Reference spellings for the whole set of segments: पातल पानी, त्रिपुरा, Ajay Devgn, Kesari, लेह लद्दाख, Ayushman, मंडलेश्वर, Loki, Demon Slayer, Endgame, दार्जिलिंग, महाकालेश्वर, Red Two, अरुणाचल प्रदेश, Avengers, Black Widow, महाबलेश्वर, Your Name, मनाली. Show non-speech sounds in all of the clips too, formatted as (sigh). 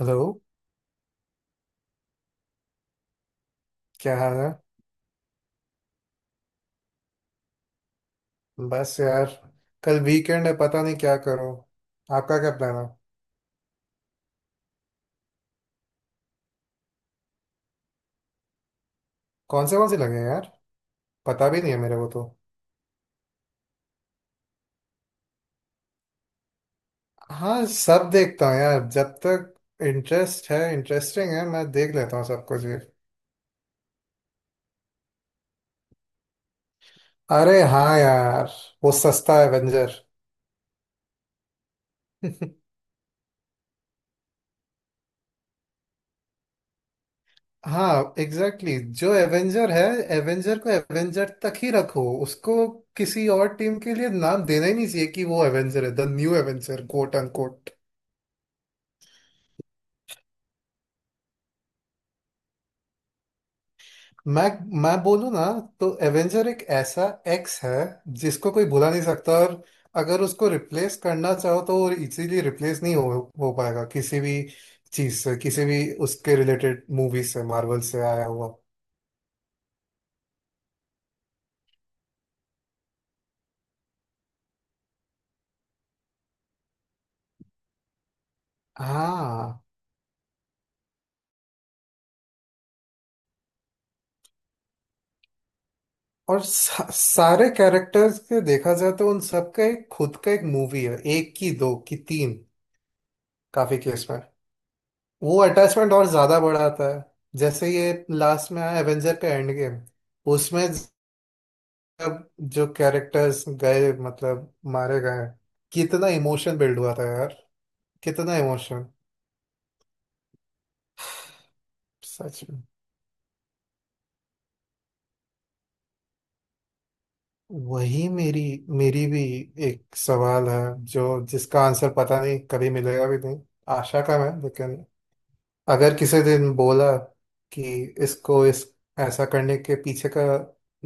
Hello. क्या हाल है? बस यार, कल वीकेंड है, पता नहीं क्या करो। आपका क्या प्लान है? कौन से लगे हैं यार, पता भी नहीं है मेरे को तो। हाँ, सब देखता हूँ यार, जब तक इंटरेस्ट है, इंटरेस्टिंग है, मैं देख लेता हूँ सब कुछ ये। अरे हाँ यार, वो सस्ता एवेंजर। (laughs) हाँ एग्जैक्टली exactly। जो एवेंजर है, एवेंजर को एवेंजर तक ही रखो उसको। किसी और टीम के लिए नाम देना ही नहीं चाहिए कि वो एवेंजर है, the new Avenger quote unquote. मैं मैं बोलूँ ना, तो एवेंजर एक ऐसा एक्स है जिसको कोई भुला नहीं सकता। और अगर उसको रिप्लेस करना चाहो तो वो इजीली रिप्लेस नहीं हो पाएगा किसी भी चीज से, किसी भी उसके रिलेटेड मूवी से, मार्वल से आया हुआ। हाँ, और सारे कैरेक्टर्स के देखा जाए तो उन सबका एक खुद का एक मूवी है, एक की दो की तीन, काफी केस में। वो अटैचमेंट और ज्यादा बढ़ाता है। जैसे ये लास्ट में आया एवेंजर का एंड गेम, उसमें अब जो कैरेक्टर्स गए, मतलब मारे गए, कितना इमोशन बिल्ड हुआ था यार, कितना इमोशन। सच में, वही मेरी मेरी भी एक सवाल है, जो जिसका आंसर पता नहीं कभी मिलेगा भी नहीं। आशा कम है, लेकिन अगर किसी दिन बोला कि इसको इस ऐसा करने के पीछे का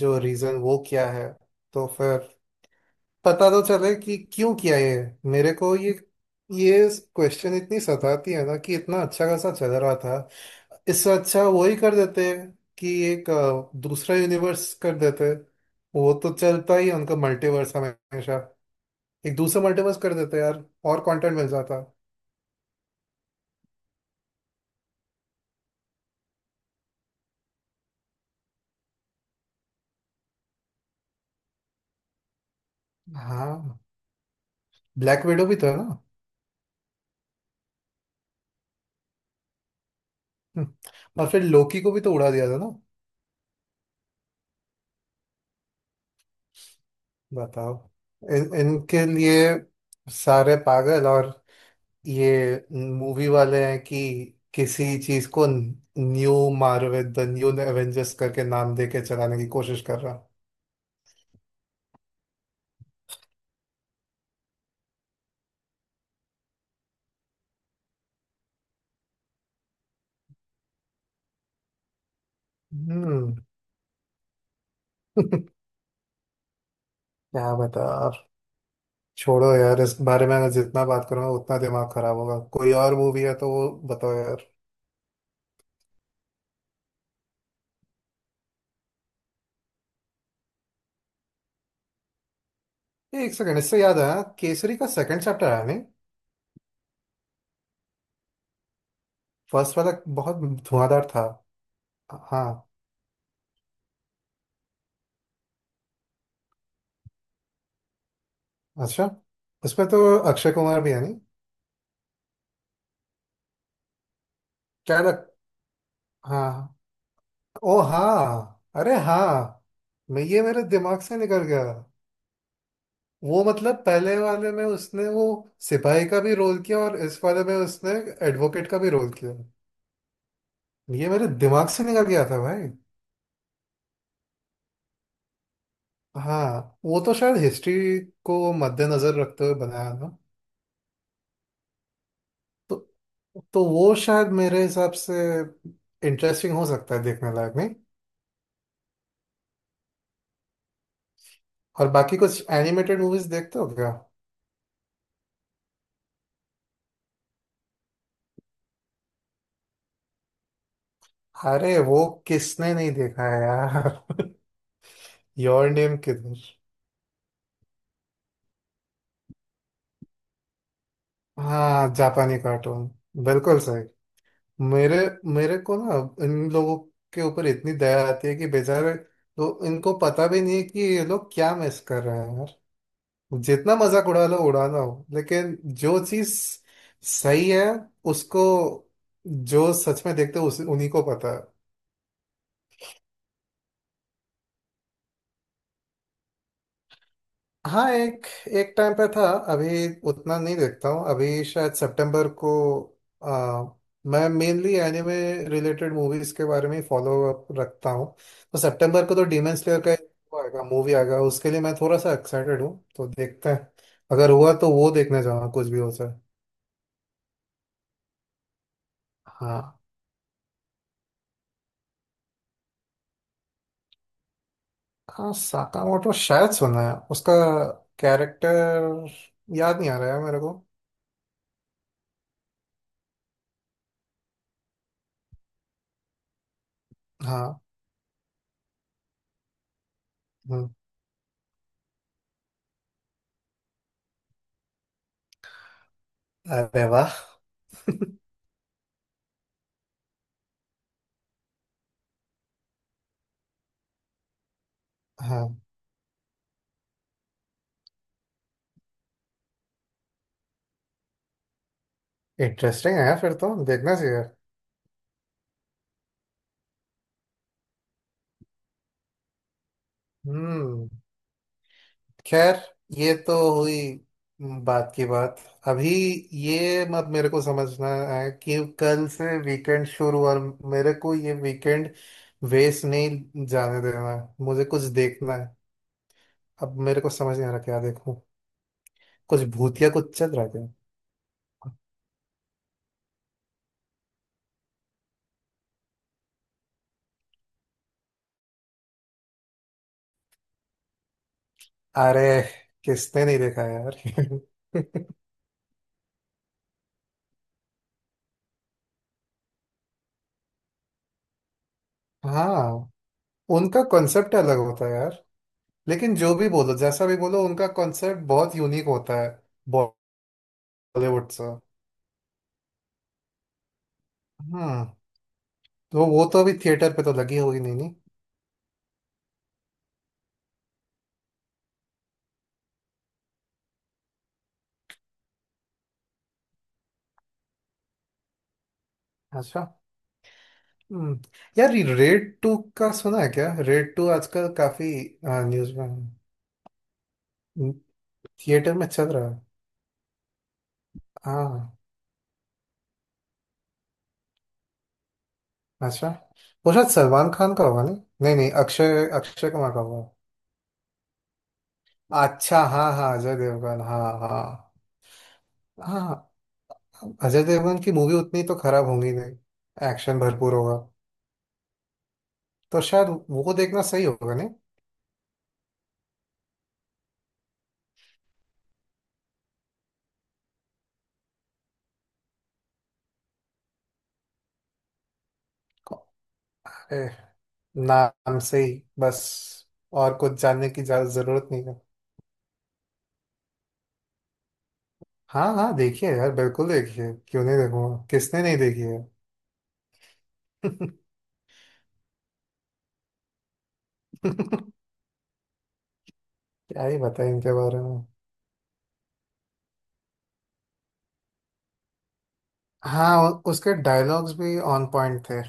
जो रीजन वो क्या है, तो फिर पता तो चले कि क्यों किया ये। मेरे को ये क्वेश्चन इतनी सताती है ना, कि इतना अच्छा खासा चल रहा था, इससे अच्छा वही कर देते कि एक दूसरा यूनिवर्स कर देते। वो तो चलता ही है उनका मल्टीवर्स हमेशा। एक दूसरा मल्टीवर्स कर देते यार, और कंटेंट मिल जाता। हाँ, ब्लैक विडो भी था ना। हम्म, और फिर लोकी को भी तो उड़ा दिया था ना। बताओ, इनके लिए सारे पागल। और ये मूवी वाले हैं कि किसी चीज को new Marvel the new Avengers करके नाम देके चलाने की कोशिश कर रहा हूँ। हम्म, क्या बता आप, छोड़ो यार इस बारे में। मैं जितना बात करूंगा उतना दिमाग खराब होगा। कोई और मूवी है तो वो बताओ यार। ये एक सेकंड, इससे याद आया, केसरी का सेकंड चैप्टर आया नहीं? फर्स्ट वाला बहुत धुआंधार था। हाँ। अच्छा, उसमें तो अक्षय कुमार भी है नहीं? क्या लग, हाँ, ओ हाँ, अरे हाँ, मैं ये मेरे दिमाग से निकल गया। वो मतलब पहले वाले में उसने वो सिपाही का भी रोल किया, और इस वाले में उसने एडवोकेट का भी रोल किया। ये मेरे दिमाग से निकल गया था भाई। हाँ, वो तो शायद हिस्ट्री को मद्देनजर रखते हुए बनाया ना। तो तो वो शायद मेरे हिसाब से इंटरेस्टिंग हो सकता है, देखने लायक नहीं। और बाकी कुछ एनिमेटेड मूवीज देखते हो क्या? अरे वो किसने नहीं देखा है यार। (laughs) योर नेम किधर। हाँ, जापानी कार्टून, बिल्कुल सही। मेरे मेरे को ना, इन लोगों के ऊपर इतनी दया आती है कि बेचारे तो इनको पता भी नहीं है कि ये लोग क्या मिस कर रहे हैं यार। जितना मजाक उड़ा लो उड़ाना हो, लेकिन जो चीज सही है उसको जो सच में देखते हैं उस उन्हीं को पता है। हाँ, एक एक टाइम पे था। अभी उतना नहीं देखता हूँ। अभी शायद सितंबर को आ, मैं मेनली एनिमे रिलेटेड मूवीज के बारे में फॉलो अप रखता हूँ। तो सितंबर को तो डीमन स्लेयर का एक वो आएगा, मूवी आएगा, उसके लिए मैं थोड़ा सा एक्साइटेड हूँ, तो देखते हैं। अगर हुआ तो वो देखने जाऊंगा, कुछ भी हो जाए। हाँ, हाँ साकामोटो शायद सुना है, उसका कैरेक्टर याद नहीं आ रहा है मेरे को। हाँ। हम्म, अरे वाह, इंटरेस्टिंग है, फिर तो देखना चाहिए। हम्म। खैर, ये तो हुई बात की बात। अभी ये मत मेरे को समझना है कि कल से वीकेंड शुरू, और मेरे को ये वीकेंड वेस्ट नहीं जाने देना है, मुझे कुछ देखना है। अब मेरे को समझ नहीं आ रहा क्या देखूं। कुछ भूतिया कुछ चल रहा है क्या? अरे किसने नहीं देखा यार। (laughs) हाँ, उनका कॉन्सेप्ट अलग होता है। लेकिन जो भी बोलो जैसा भी बोलो, उनका कॉन्सेप्ट बहुत यूनिक होता है बॉलीवुड से। हम्म, तो वो तो अभी थिएटर पे तो लगी होगी नहीं, नहीं? अच्छा। हम्म। यार, रेड टू का सुना है क्या? रेड टू आजकल काफी न्यूज में है, थिएटर में चल रहा है। हाँ। अच्छा, वो शायद सलमान खान का होगा नहीं? नहीं नहीं, अक्षय अक्षय कुमार का होगा। अच्छा, हाँ हाँ, अजय देवगन, हाँ हाँ। हाँ, अजय देवगन की मूवी उतनी तो खराब होंगी नहीं, एक्शन भरपूर होगा। तो शायद वो देखना सही होगा नहीं। अरे, नाम से ही बस, और कुछ जानने की ज्यादा जरूरत नहीं है। हाँ हाँ, देखिए यार, बिल्कुल देखिए, क्यों नहीं देखूंगा? किसने नहीं देखी है? (laughs) क्या ही बताएं इनके बारे में। हाँ, उसके डायलॉग्स भी ऑन पॉइंट थे।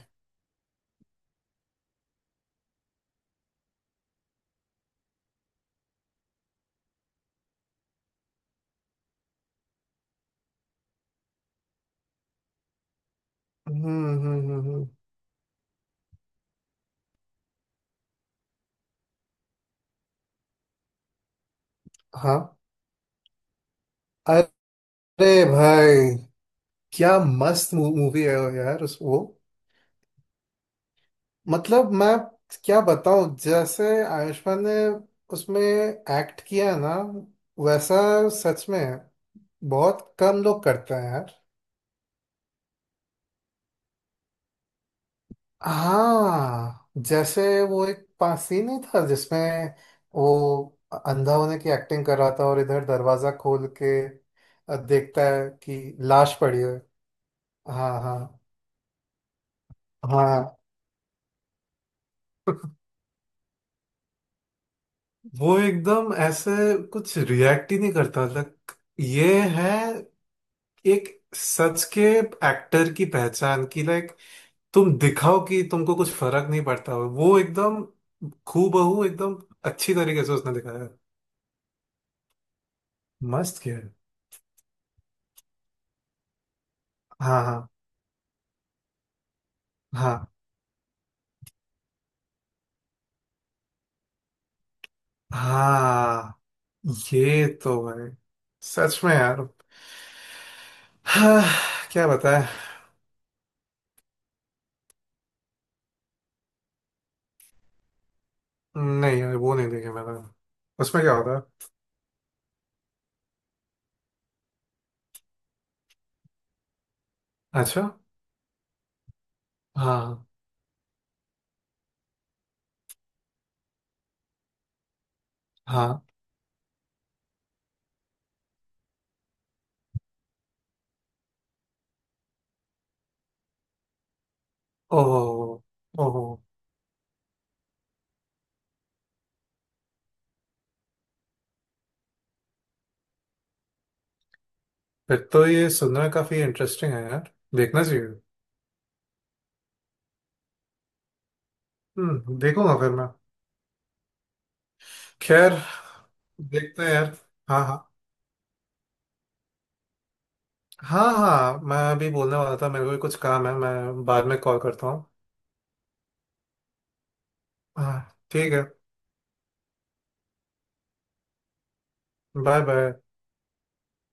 हम्म हम्म हम्म हम्म, हाँ, अरे भाई क्या मस्त मूवी है वो यार, उस वो। मतलब मैं क्या बताऊं, जैसे आयुष्मान ने उसमें एक्ट किया है ना वैसा सच में बहुत कम लोग करते हैं यार। हाँ जैसे, वो एक पास सीन ही था जिसमें वो अंधा होने की एक्टिंग कर रहा था, और इधर दरवाजा खोल के देखता है कि लाश पड़ी है। हाँ हाँ हाँ। (laughs) वो एकदम ऐसे कुछ रिएक्ट ही नहीं करता, लाइक, ये है एक सच के एक्टर की पहचान की। लाइक, तुम दिखाओ कि तुमको कुछ फर्क नहीं पड़ता, हो वो एकदम हूबहू एकदम अच्छी तरीके से उसने दिखाया है। मस्त किया है। हाँ हाँ हाँ हाँ, ये तो भाई सच में यार। हाँ, क्या बताएं। नहीं यार, वो नहीं देखे मैंने। उसमें क्या होता है? अच्छा, हाँ हाँ, ओहो ओहो, फिर तो ये सुनना काफी इंटरेस्टिंग है यार, देखना चाहिए। हम्म, देखूंगा फिर मैं। खैर, देखते हैं यार। हाँ हाँ, हाँ हाँ, मैं अभी बोलने वाला था, मेरे को भी कुछ काम है, मैं बाद में कॉल करता हूँ। हाँ ठीक है, बाय बाय।